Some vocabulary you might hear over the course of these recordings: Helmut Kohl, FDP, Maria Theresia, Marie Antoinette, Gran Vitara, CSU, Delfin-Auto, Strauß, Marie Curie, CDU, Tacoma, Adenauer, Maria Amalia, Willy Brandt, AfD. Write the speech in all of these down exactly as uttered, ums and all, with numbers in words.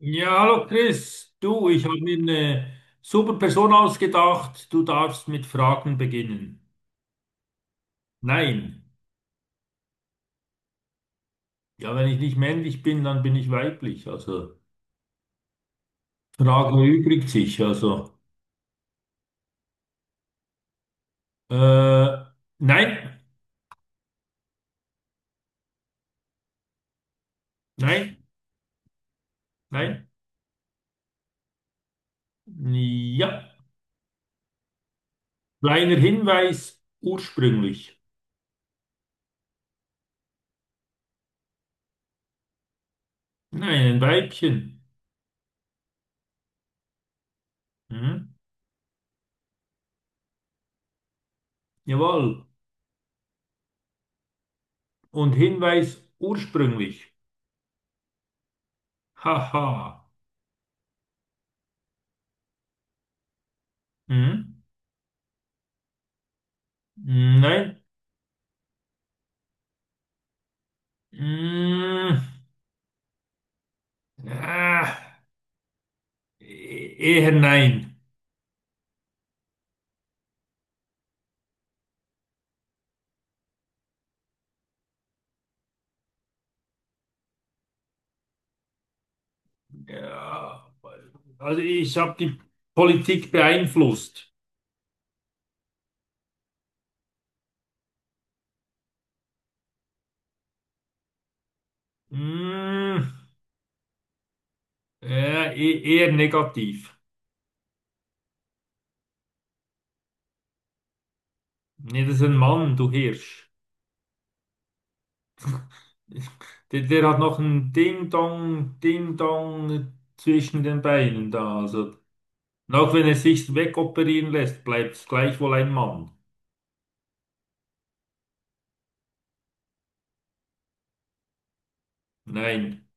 Ja, hallo Chris. Du, ich habe mir eine super Person ausgedacht. Du darfst mit Fragen beginnen. Nein. Ja, wenn ich nicht männlich bin, dann bin ich weiblich. Also Frage erübrigt sich. Also äh, nein, nein, nein. Ja. Kleiner Hinweis, ursprünglich. Nein, ein Weibchen. Hm? Jawohl. Und Hinweis ursprünglich. Haha. Hm? Nein. Hm. Ah, e- eher nein. Ja, also ich habe die Politik beeinflusst. Hm, ja, e- eher negativ. Nee, das ist ein Mann, du Hirsch. Der, der hat noch ein Ding-Dong, Ding-Dong zwischen den Beinen da. Also, und auch wenn er sich wegoperieren lässt, bleibt es gleichwohl ein Mann. Nein.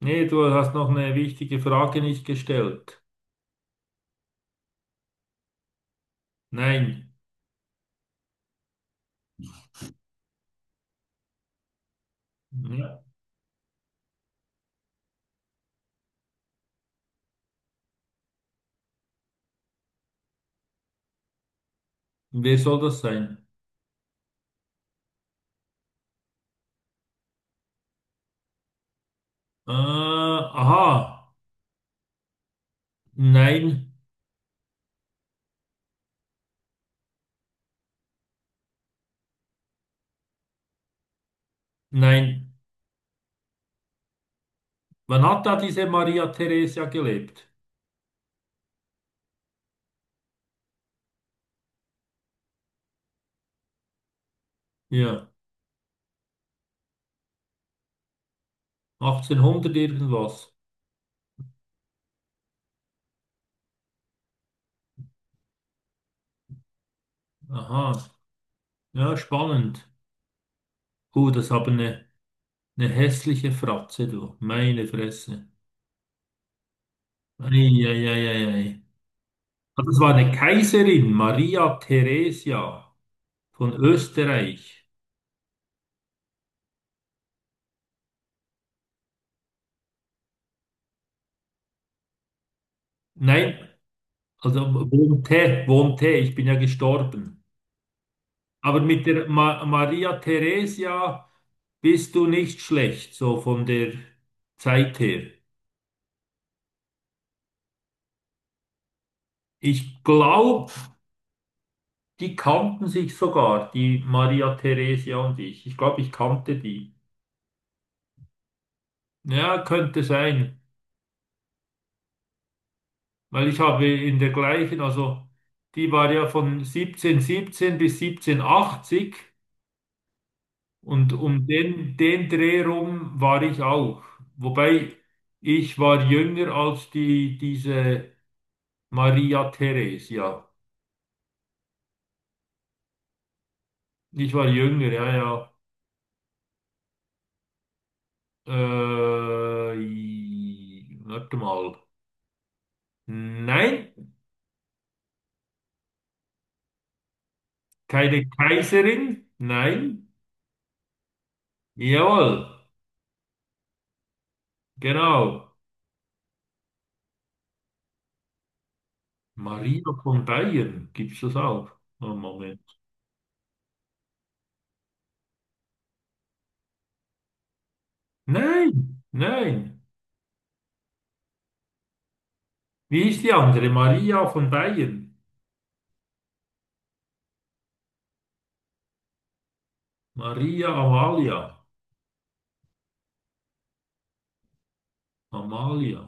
Nee, du hast noch eine wichtige Frage nicht gestellt. Nein. Ja. Wer soll das sein? Äh, aha, nein, nein. Wann hat da diese Maria Theresia gelebt? Ja, achtzehnhundert irgendwas. Aha, ja, spannend. Uh, das haben eine, eine hässliche Fratze, du. Meine Fresse. Eieieiei. Also das war eine Kaiserin, Maria Theresia von Österreich. Nein, also wohnte, wohnte, ich bin ja gestorben. Aber mit der Ma Maria Theresia bist du nicht schlecht, so von der Zeit her. Ich glaube, die kannten sich sogar, die Maria Theresia und ich. Ich glaube, ich kannte die. Ja, könnte sein, weil ich habe in der gleichen, also die war ja von siebzehnhundertsiebzehn bis siebzehnhundertachtzig und um den, den Dreh rum war ich auch. Wobei ich war jünger als die, diese Maria Theresia. Ich war jünger, ja, ja. Äh, i- warte mal. Nein, keine Kaiserin. Nein. Jawohl, genau. Maria von Bayern, gibt's das auch? Oh, Moment. Nein, nein. Wie ist die andere? Maria von Bayern. Maria Amalia. Amalia.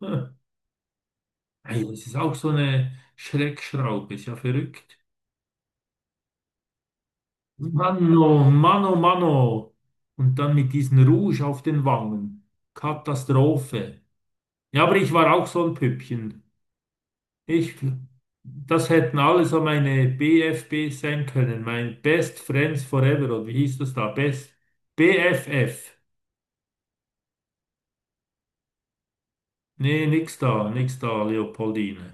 Hm. Hey, das ist auch so eine Schreckschraube, ist ja verrückt. Mano, Mano, Mano. Und dann mit diesem Rouge auf den Wangen. Katastrophe. Ja, aber ich war auch so ein Püppchen. Ich, das hätten alle so meine B F B sein können. Mein Best Friends Forever. Oder wie hieß das da? Best B F F. Nee, nix da, nix da, Leopoldine.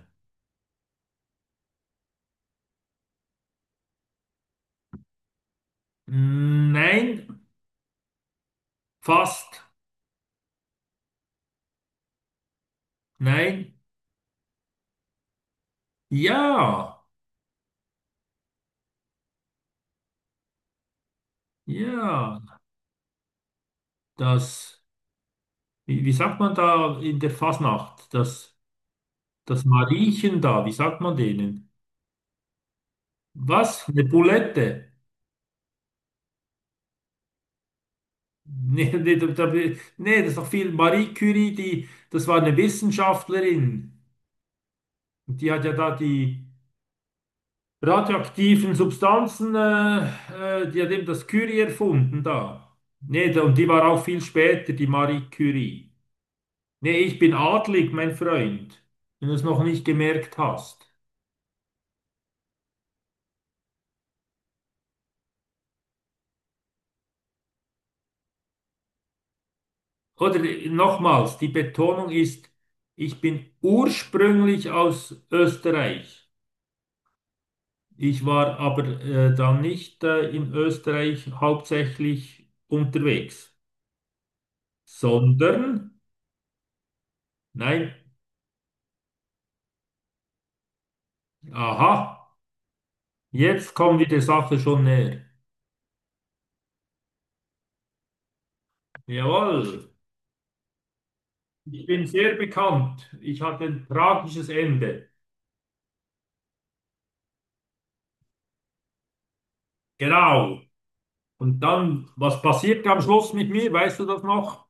Nein, fast. Nein, ja, ja. Das, wie, wie sagt man da in der Fasnacht? Das. Das Mariechen da, wie sagt man denen? Was? Eine Bulette? Nee, nee, da, da, nee, das ist doch viel. Marie Curie, die, das war eine Wissenschaftlerin. Und die hat ja da die radioaktiven Substanzen, äh, äh, die hat eben das Curie erfunden da. Nee, da, und die war auch viel später, die Marie Curie. Nee, ich bin adlig, mein Freund, wenn du es noch nicht gemerkt hast. Oder äh, nochmals, die Betonung ist, ich bin ursprünglich aus Österreich. Ich war aber äh, dann nicht äh, in Österreich hauptsächlich unterwegs, sondern, nein, aha, jetzt kommen wir der Sache schon näher. Jawohl, ich bin sehr bekannt. Ich hatte ein tragisches Ende. Genau. Und dann, was passiert am Schluss mit mir? Weißt du das noch?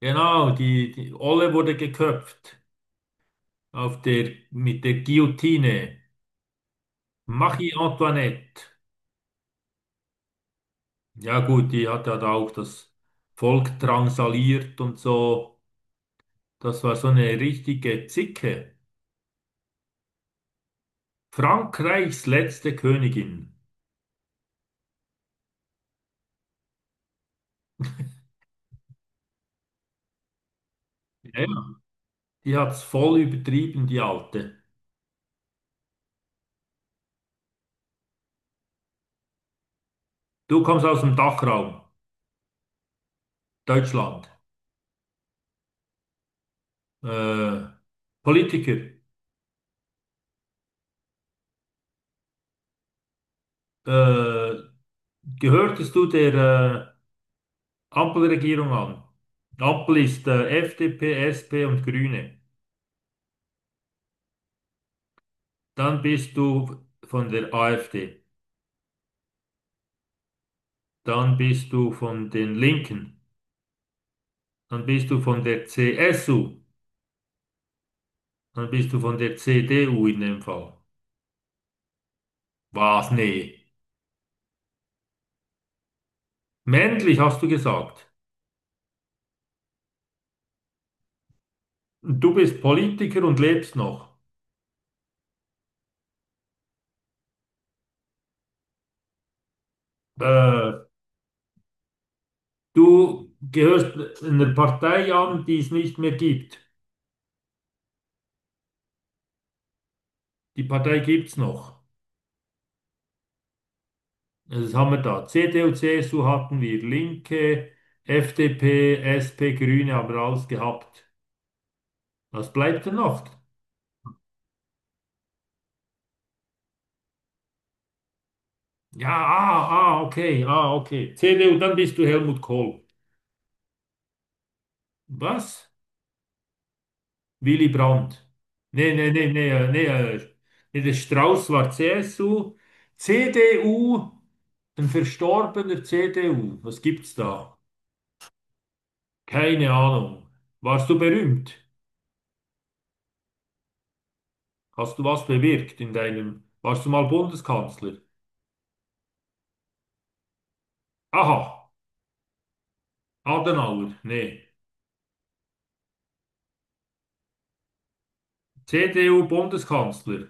Genau, die, die Olle wurde geköpft. Auf der, mit der Guillotine. Marie Antoinette. Ja gut, die hat ja da auch das Volk drangsaliert und so. Das war so eine richtige Zicke. Frankreichs letzte Königin. Ja, die hat's voll übertrieben, die Alte. Du kommst aus dem Dachraum, Deutschland. Äh, Politiker. Äh, gehörtest du der äh, Ampelregierung an? Ampel ist äh, F D P, S P und Grüne. Dann bist du von der AfD. Dann bist du von den Linken. Dann bist du von der C S U. Dann bist du von der C D U in dem Fall. Was? Nee. Männlich hast du gesagt. Du bist Politiker und lebst noch. Äh, du gehörst einer Partei an, die es nicht mehr gibt. Die Partei gibt's noch. Das haben wir da. C D U, CSU hatten wir. Linke, FDP, S P, Grüne haben wir alles gehabt. Was bleibt denn noch? Ja, ah, ah, okay, ah, okay. C D U, dann bist du Helmut Kohl. Was? Willy Brandt. Nee, nee, nee, nee, äh, nee, äh, nee, der Strauß war C S U. C D U, ein verstorbener C D U. Was gibt's da? Keine Ahnung. Warst du berühmt? Hast du was bewirkt in deinem... Warst du mal Bundeskanzler? Aha, Adenauer, nee. C D U-Bundeskanzler.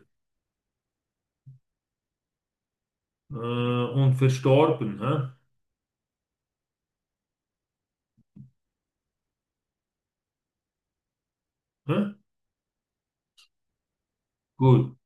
Äh, und verstorben, hä? Hä? Gut.